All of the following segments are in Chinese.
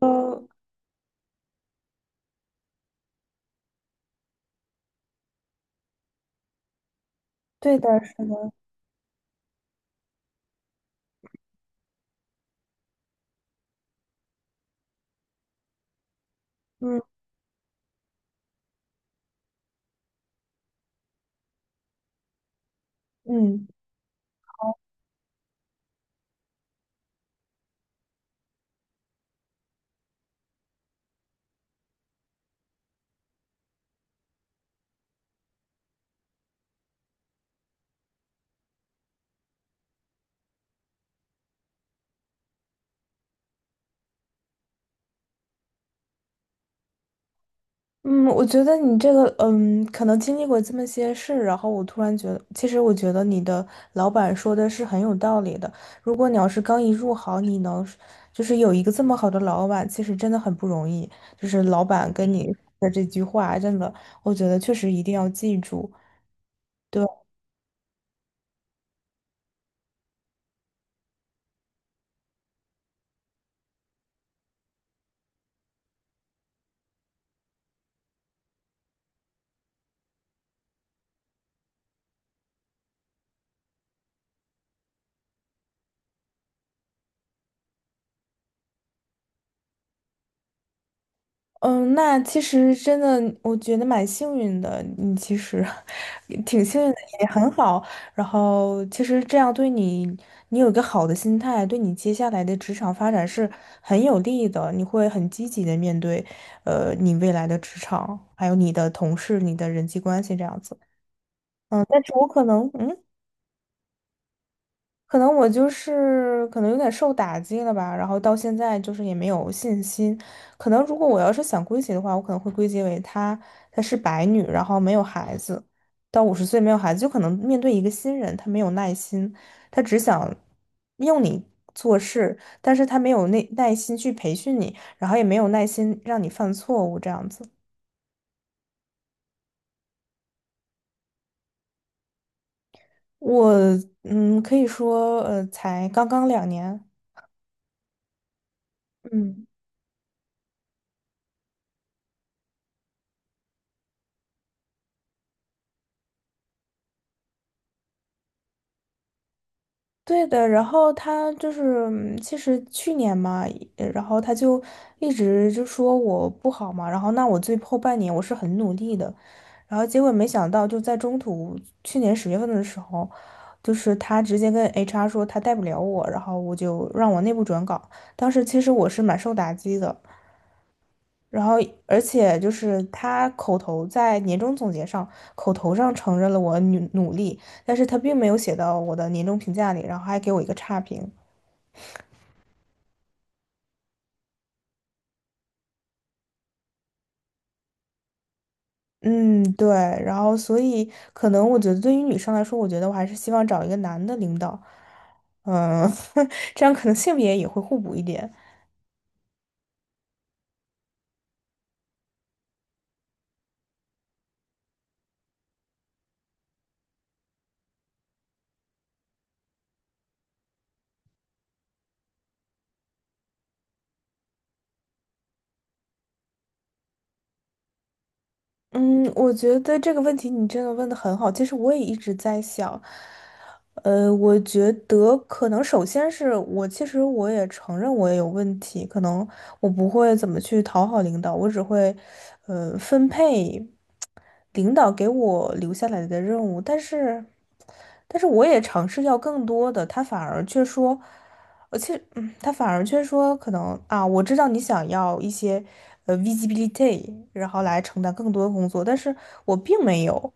呃，对的，是的，嗯嗯嗯，我觉得你这个，可能经历过这么些事，然后我突然觉得，其实我觉得你的老板说的是很有道理的。如果你要是刚一入行，你能就是有一个这么好的老板，其实真的很不容易。就是老板跟你的这句话，真的，我觉得确实一定要记住。对。嗯，那其实真的，我觉得蛮幸运的。你其实 挺幸运的，也很好。然后，其实这样对你，你有一个好的心态，对你接下来的职场发展是很有利的。你会很积极的面对，你未来的职场，还有你的同事、你的人际关系这样子。但是我可能。可能我就是可能有点受打击了吧，然后到现在就是也没有信心。可能如果我要是想归结的话，我可能会归结为她是白女，然后没有孩子，到50岁没有孩子，就可能面对一个新人，她没有耐心，她只想用你做事，但是她没有耐心去培训你，然后也没有耐心让你犯错误这样子。我可以说才刚刚2年，嗯。对的，然后他就是，其实去年嘛，然后他就一直就说我不好嘛，然后那我最后半年我是很努力的，然后结果没想到就在中途，去年10月份的时候，就是他直接跟 HR 说他带不了我，然后我就让我内部转岗，当时其实我是蛮受打击的，然后，而且就是他口头在年终总结上，口头上承认了我努力，但是他并没有写到我的年终评价里，然后还给我一个差评。嗯，对，然后所以可能我觉得对于女生来说，我觉得我还是希望找一个男的领导，嗯，这样可能性别也会互补一点。嗯，我觉得这个问题你真的问的很好。其实我也一直在想，我觉得可能首先是我，其实我也承认我也有问题，可能我不会怎么去讨好领导，我只会，分配。领导给我留下来的任务，但是，我也尝试要更多的，他反而却说，而且，他反而却说，可能啊，我知道你想要一些visibility，然后来承担更多的工作，但是我并没有，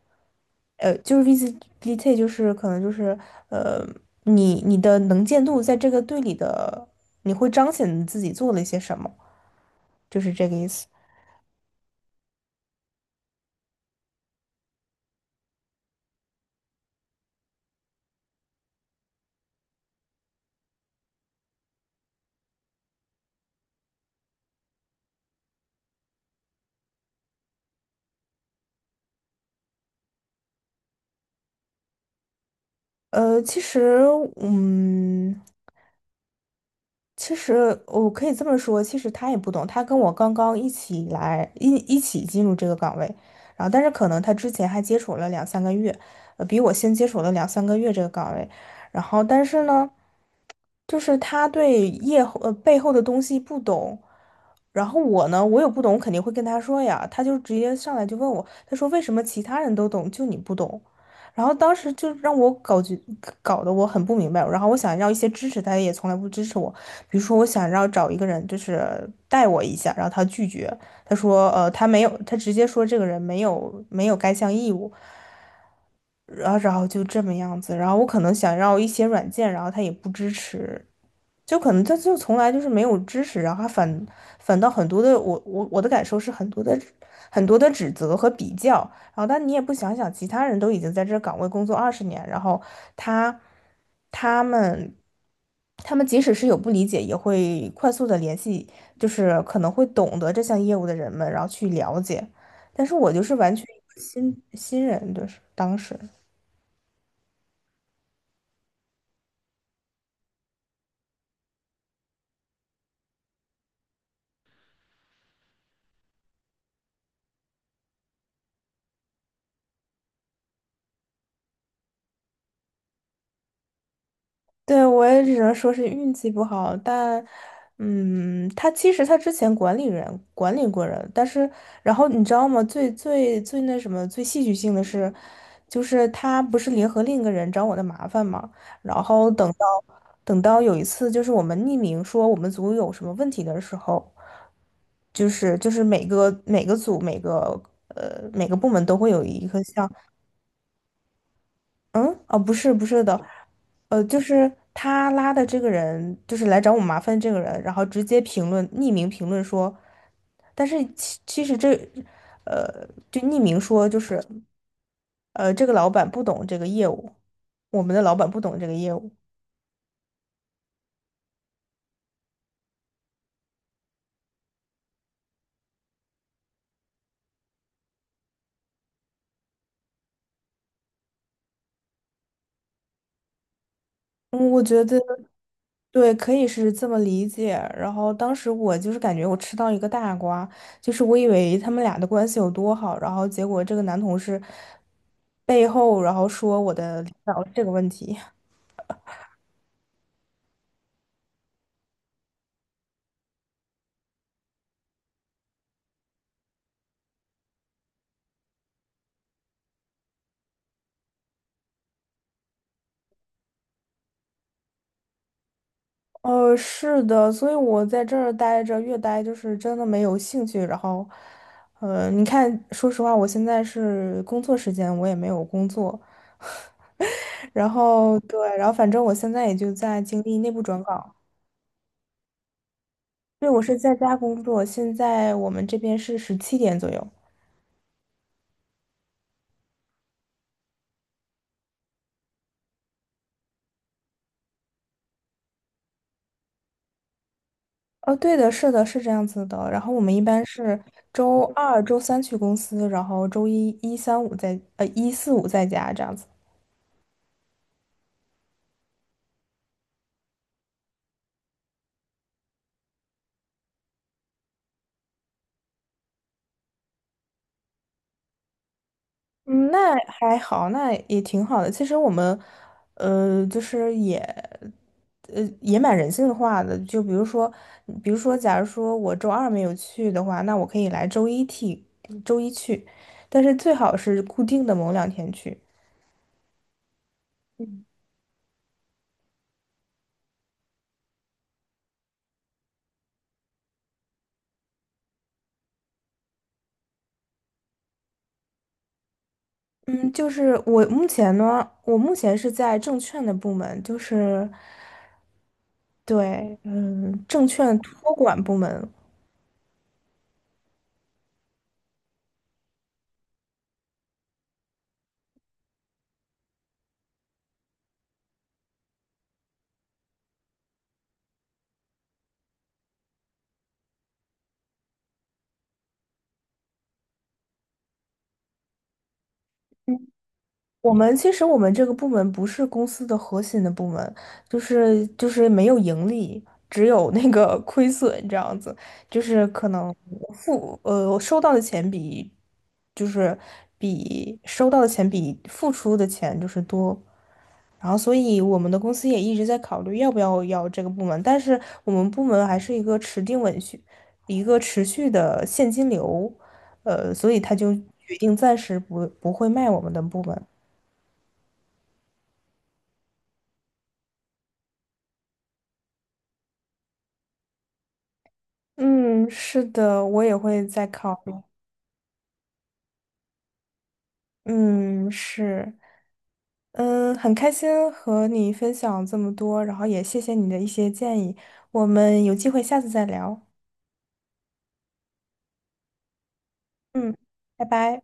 就是 visibility，就是可能就是呃，你的能见度在这个队里的，你会彰显你自己做了一些什么，就是这个意思。其实，嗯。其实我可以这么说，其实他也不懂，他跟我刚刚一起来一起进入这个岗位，然后但是可能他之前还接触了两三个月，比我先接触了两三个月这个岗位，然后但是呢，就是他对背后的东西不懂，然后我呢，我有不懂，我肯定会跟他说呀，他就直接上来就问我，他说为什么其他人都懂，就你不懂？然后当时就让我搞得我很不明白，然后我想要一些支持，他也从来不支持我。比如说，我想要找一个人，就是带我一下，然后他拒绝，他说，他没有，他直接说这个人没有该项义务，然后就这么样子，然后我可能想要一些软件，然后他也不支持，就可能他就从来就是没有支持，然后他反倒很多的，我的感受是很多的指责和比较，然后但你也不想想，其他人都已经在这个岗位工作20年，然后他他们。他们即使是有不理解，也会快速的联系，就是可能会懂得这项业务的人们，然后去了解。但是我就是完全一个新人，就是当时。对，我也只能说是运气不好，但，他其实他之前管理人管理过人，但是，然后你知道吗？最那什么，最戏剧性的是，就是他不是联合另一个人找我的麻烦嘛，然后等到有一次，就是我们匿名说我们组有什么问题的时候，就是每个组每个每个部门都会有一个像嗯，哦，不是不是的，就是他拉的这个人，就是来找我麻烦这个人，然后直接评论，匿名评论说，但是其实这，就匿名说就是，这个老板不懂这个业务，我们的老板不懂这个业务。嗯，我觉得。对，可以是这么理解。然后当时我就是感觉我吃到一个大瓜，就是我以为他们俩的关系有多好，然后结果这个男同事背后然后说我的领导这个问题。是的，所以我在这儿待着，越待就是真的没有兴趣。然后，你看，说实话，我现在是工作时间，我也没有工作。然后对，然后反正我现在也就在经历内部转岗。对，我是在家工作，现在我们这边是17点左右。哦，对的，是的，是这样子的。然后我们一般是周二、周三去公司，然后周一、一三五在，一四五在家这样子。嗯，那还好，那也挺好的。其实我们，就是也，也蛮人性化的。就比如说，假如说我周二没有去的话，那我可以来周一去，但是最好是固定的某2天去。嗯，就是我目前呢，我目前是在证券的部门，就是对，嗯，证券托管部门。其实我们这个部门不是公司的核心的部门，就是没有盈利，只有那个 亏损这样子，就是可能我收到的钱比就是比收到的钱比付出的钱就是多，然后所以我们的公司也一直在考虑要不要要这个部门，但是我们部门还是一个持定稳续，一个持续的现金流，所以他就决定暂时不会卖我们的部门。嗯，是的，我也会再考虑。嗯，是，很开心和你分享这么多，然后也谢谢你的一些建议，我们有机会下次再聊。嗯，拜拜。